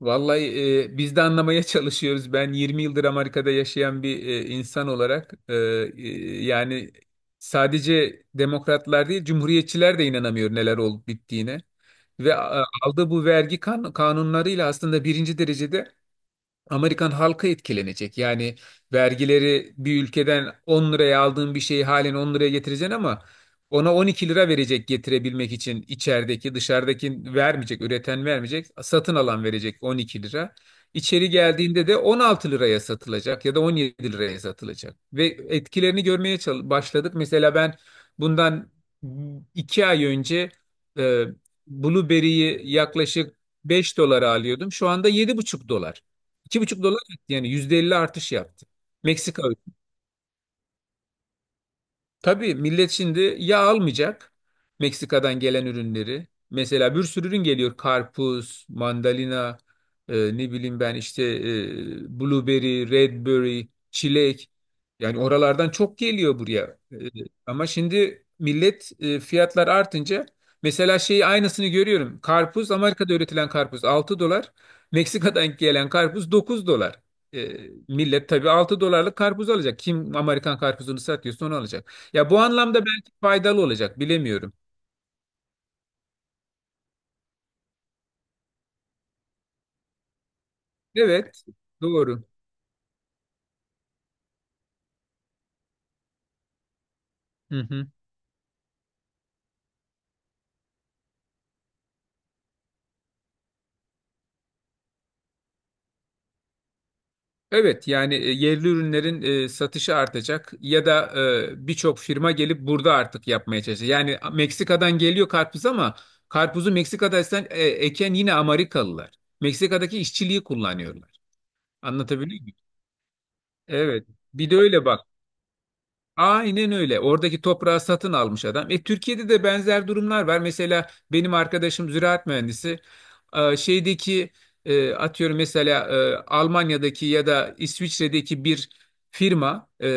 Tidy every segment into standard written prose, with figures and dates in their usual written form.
Vallahi biz de anlamaya çalışıyoruz. Ben 20 yıldır Amerika'da yaşayan bir insan olarak yani sadece demokratlar değil, cumhuriyetçiler de inanamıyor neler olup bittiğine. Ve aldığı bu vergi kanunlarıyla aslında birinci derecede Amerikan halkı etkilenecek. Yani vergileri bir ülkeden 10 liraya aldığın bir şeyi halen 10 liraya getireceksin ama ona 12 lira verecek getirebilmek için içerideki dışarıdaki vermeyecek, üreten vermeyecek, satın alan verecek 12 lira. İçeri geldiğinde de 16 liraya satılacak ya da 17 liraya satılacak. Ve etkilerini görmeye başladık. Mesela ben bundan 2 ay önce e, Blueberry'yi yaklaşık 5 dolara alıyordum. Şu anda 7,5 dolar, 2,5 dolar etti yani %50 artış yaptı. Meksika. Tabii millet şimdi yağ almayacak, Meksika'dan gelen ürünleri. Mesela bir sürü ürün geliyor. Karpuz, mandalina, ne bileyim ben işte blueberry, redberry, çilek. Yani oralardan çok geliyor buraya. Ama şimdi millet, fiyatlar artınca mesela şeyi aynısını görüyorum. Karpuz, Amerika'da üretilen karpuz 6 dolar. Meksika'dan gelen karpuz 9 dolar. E, Millet tabii 6 dolarlık karpuz alacak. Kim Amerikan karpuzunu satıyorsa onu alacak. Ya bu anlamda belki faydalı olacak, bilemiyorum. Evet, doğru. Hı hı. Evet, yani yerli ürünlerin satışı artacak ya da birçok firma gelip burada artık yapmaya çalışacak. Yani Meksika'dan geliyor karpuz ama karpuzu Meksika'da eken yine Amerikalılar. Meksika'daki işçiliği kullanıyorlar. Anlatabiliyor muyum? Evet. Bir de öyle bak. Aynen öyle. Oradaki toprağı satın almış adam. Türkiye'de de benzer durumlar var. Mesela benim arkadaşım ziraat mühendisi. Şeydeki atıyorum mesela Almanya'daki ya da İsviçre'deki bir firma, e,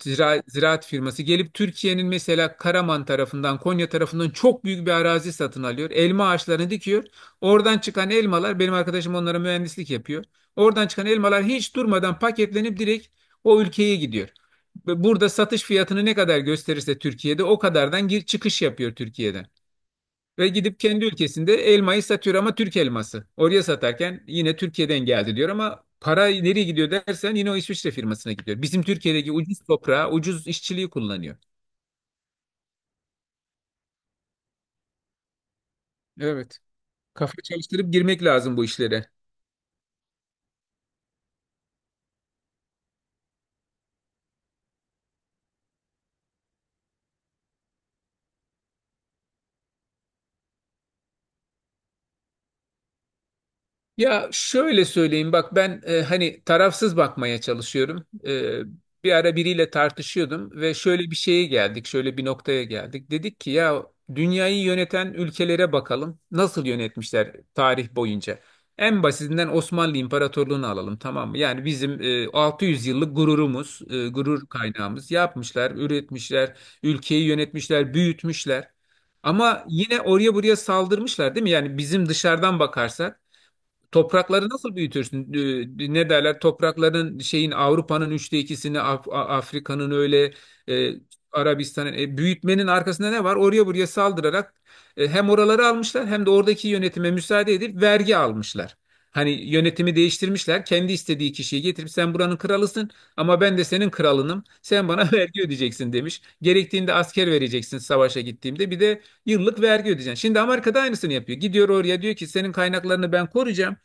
zira- ziraat firması gelip Türkiye'nin mesela Karaman tarafından, Konya tarafından çok büyük bir arazi satın alıyor. Elma ağaçlarını dikiyor. Oradan çıkan elmalar, benim arkadaşım onlara mühendislik yapıyor. Oradan çıkan elmalar hiç durmadan paketlenip direkt o ülkeye gidiyor. Burada satış fiyatını ne kadar gösterirse Türkiye'de o kadardan gir çıkış yapıyor Türkiye'den. Ve gidip kendi ülkesinde elmayı satıyor ama Türk elması. Oraya satarken yine Türkiye'den geldi diyor ama para nereye gidiyor dersen yine o İsviçre firmasına gidiyor. Bizim Türkiye'deki ucuz toprağı, ucuz işçiliği kullanıyor. Evet. Kafa çalıştırıp girmek lazım bu işlere. Ya şöyle söyleyeyim bak, ben hani tarafsız bakmaya çalışıyorum. Bir ara biriyle tartışıyordum ve şöyle bir şeye geldik, şöyle bir noktaya geldik. Dedik ki ya dünyayı yöneten ülkelere bakalım nasıl yönetmişler tarih boyunca. En basitinden Osmanlı İmparatorluğunu alalım, tamam mı? Yani bizim 600 yıllık gururumuz, gurur kaynağımız, yapmışlar, üretmişler, ülkeyi yönetmişler, büyütmüşler. Ama yine oraya buraya saldırmışlar değil mi? Yani bizim dışarıdan bakarsak, toprakları nasıl büyütürsün? Ne derler? Toprakların şeyin Avrupa'nın üçte ikisini, Afrika'nın öyle e, Arabistan'ın, büyütmenin arkasında ne var? Oraya buraya saldırarak hem oraları almışlar hem de oradaki yönetime müsaade edip vergi almışlar. Hani yönetimi değiştirmişler. Kendi istediği kişiyi getirip sen buranın kralısın ama ben de senin kralınım. Sen bana vergi ödeyeceksin demiş. Gerektiğinde asker vereceksin savaşa gittiğimde. Bir de yıllık vergi ödeyeceksin. Şimdi Amerika da aynısını yapıyor. Gidiyor oraya diyor ki senin kaynaklarını ben koruyacağım.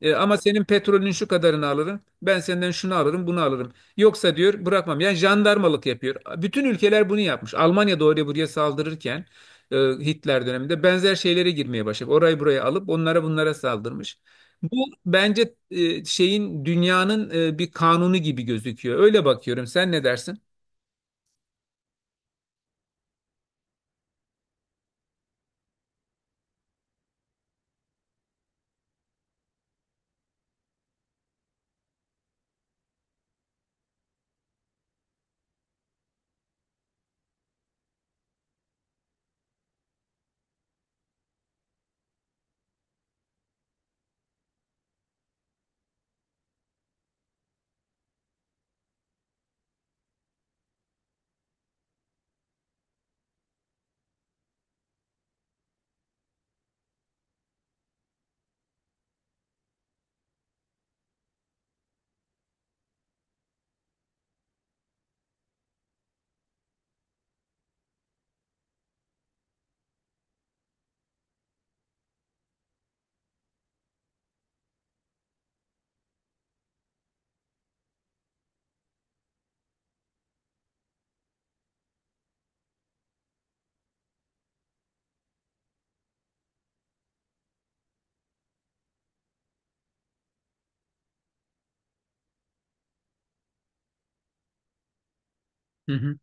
Ama senin petrolün şu kadarını alırım. Ben senden şunu alırım, bunu alırım. Yoksa diyor bırakmam. Yani jandarmalık yapıyor. Bütün ülkeler bunu yapmış. Almanya da oraya buraya saldırırken Hitler döneminde benzer şeylere girmeye başladı. Orayı buraya alıp onlara bunlara saldırmış. Bu bence e, şeyin dünyanın bir kanunu gibi gözüküyor. Öyle bakıyorum. Sen ne dersin? Hı hı.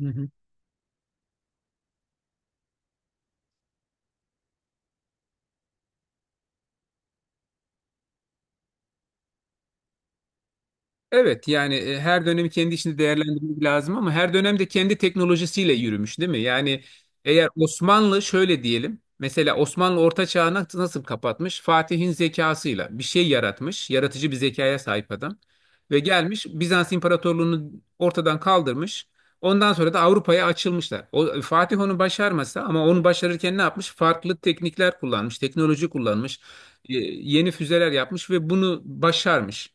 Hı hı. Evet yani, her dönemi kendi içinde değerlendirmek lazım ama her dönemde kendi teknolojisiyle yürümüş değil mi? Yani eğer Osmanlı şöyle diyelim, mesela Osmanlı Orta Çağ'ı nasıl kapatmış? Fatih'in zekasıyla bir şey yaratmış, yaratıcı bir zekaya sahip adam ve gelmiş Bizans İmparatorluğunu ortadan kaldırmış. Ondan sonra da Avrupa'ya açılmışlar. O, Fatih onu başarmasa, ama onu başarırken ne yapmış? Farklı teknikler kullanmış, teknoloji kullanmış, yeni füzeler yapmış ve bunu başarmış.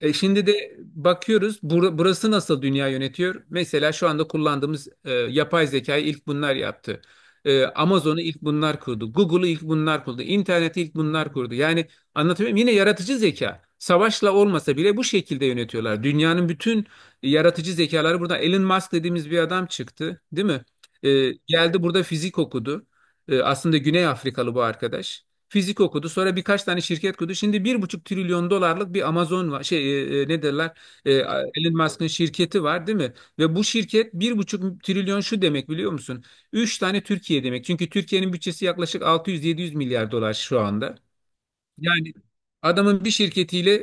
E şimdi de bakıyoruz, burası nasıl dünya yönetiyor? Mesela şu anda kullandığımız yapay zekayı ilk bunlar yaptı. Amazon'u ilk bunlar kurdu. Google'u ilk bunlar kurdu. İnterneti ilk bunlar kurdu. Yani anlatıyorum yine yaratıcı zeka. Savaşla olmasa bile bu şekilde yönetiyorlar. Dünyanın bütün yaratıcı zekaları burada. Elon Musk dediğimiz bir adam çıktı, değil mi? Geldi burada fizik okudu. Aslında Güney Afrikalı bu arkadaş. Fizik okudu. Sonra birkaç tane şirket kurdu. Şimdi 1,5 trilyon dolarlık bir Amazon var. Şey, ne derler? E, Elon Musk'ın şirketi var değil mi? Ve bu şirket 1,5 trilyon, şu demek biliyor musun? Üç tane Türkiye demek. Çünkü Türkiye'nin bütçesi yaklaşık 600-700 milyar dolar şu anda. Yani adamın bir şirketiyle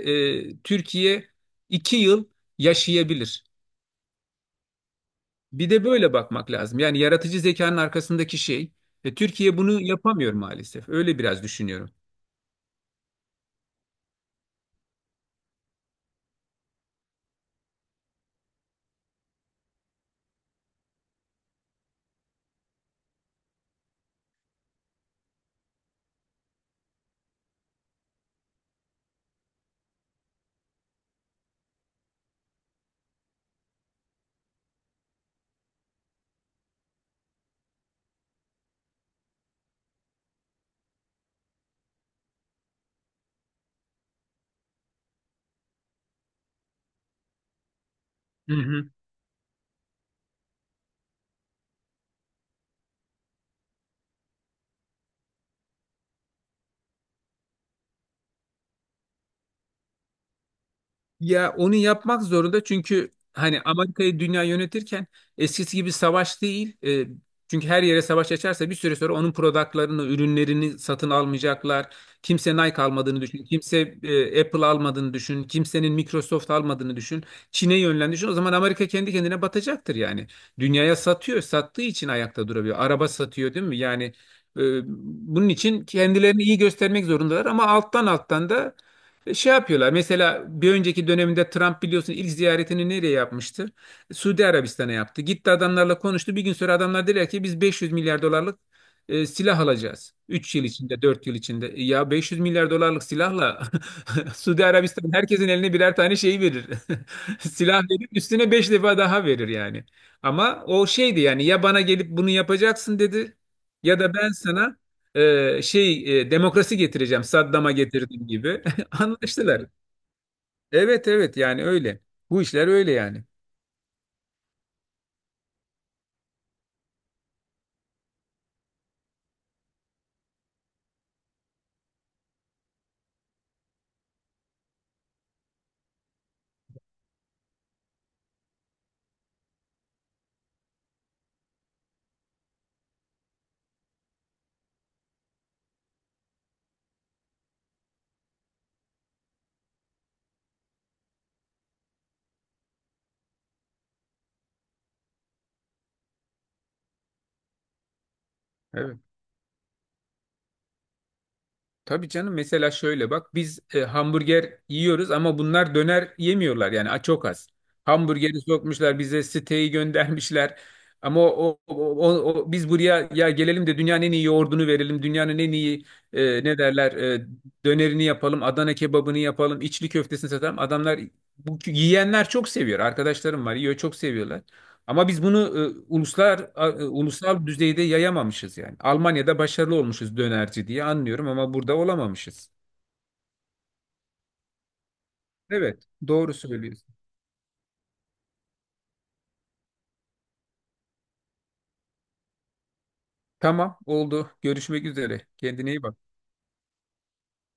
Türkiye 2 yıl yaşayabilir. Bir de böyle bakmak lazım. Yani yaratıcı zekanın arkasındaki şey. Türkiye bunu yapamıyor maalesef. Öyle biraz düşünüyorum. Hı hı. Ya onu yapmak zorunda, çünkü hani Amerika'yı dünya yönetirken eskisi gibi savaş değil. Çünkü her yere savaş açarsa bir süre sonra onun productlarını, ürünlerini satın almayacaklar. Kimse Nike almadığını düşün. Kimse Apple almadığını düşün. Kimsenin Microsoft almadığını düşün. Çin'e yönlen düşün. O zaman Amerika kendi kendine batacaktır yani. Dünyaya satıyor. Sattığı için ayakta durabiliyor. Araba satıyor değil mi? Yani e, bunun için kendilerini iyi göstermek zorundalar ama alttan alttan da şey yapıyorlar. Mesela bir önceki döneminde Trump, biliyorsun, ilk ziyaretini nereye yapmıştı? Suudi Arabistan'a yaptı. Gitti adamlarla konuştu. Bir gün sonra adamlar dediler ki biz 500 milyar dolarlık silah alacağız. Üç yıl içinde, 4 yıl içinde. Ya 500 milyar dolarlık silahla Suudi Arabistan herkesin eline birer tane şey verir. Silah verip üstüne 5 defa daha verir yani. Ama o şeydi yani, ya bana gelip bunu yapacaksın dedi ya da ben sana demokrasi getireceğim, Saddam'a getirdiğim gibi. Anlaştılar. Evet evet, yani öyle. Bu işler öyle yani. Evet. Tabii canım, mesela şöyle bak, biz hamburger yiyoruz ama bunlar döner yemiyorlar yani, çok az. Hamburgeri sokmuşlar bize, siteyi göndermişler. Ama o- biz buraya ya gelelim de dünyanın en iyi yoğurdunu verelim. Dünyanın en iyi e, ne derler e, dönerini yapalım. Adana kebabını yapalım. İçli köftesini satalım. Adamlar, bu yiyenler çok seviyor. Arkadaşlarım var, yiyor, çok seviyorlar. Ama biz bunu ulusal düzeyde yayamamışız yani. Almanya'da başarılı olmuşuz dönerci diye anlıyorum ama burada olamamışız. Evet, doğru söylüyorsun. Tamam, oldu. Görüşmek üzere. Kendine iyi bak.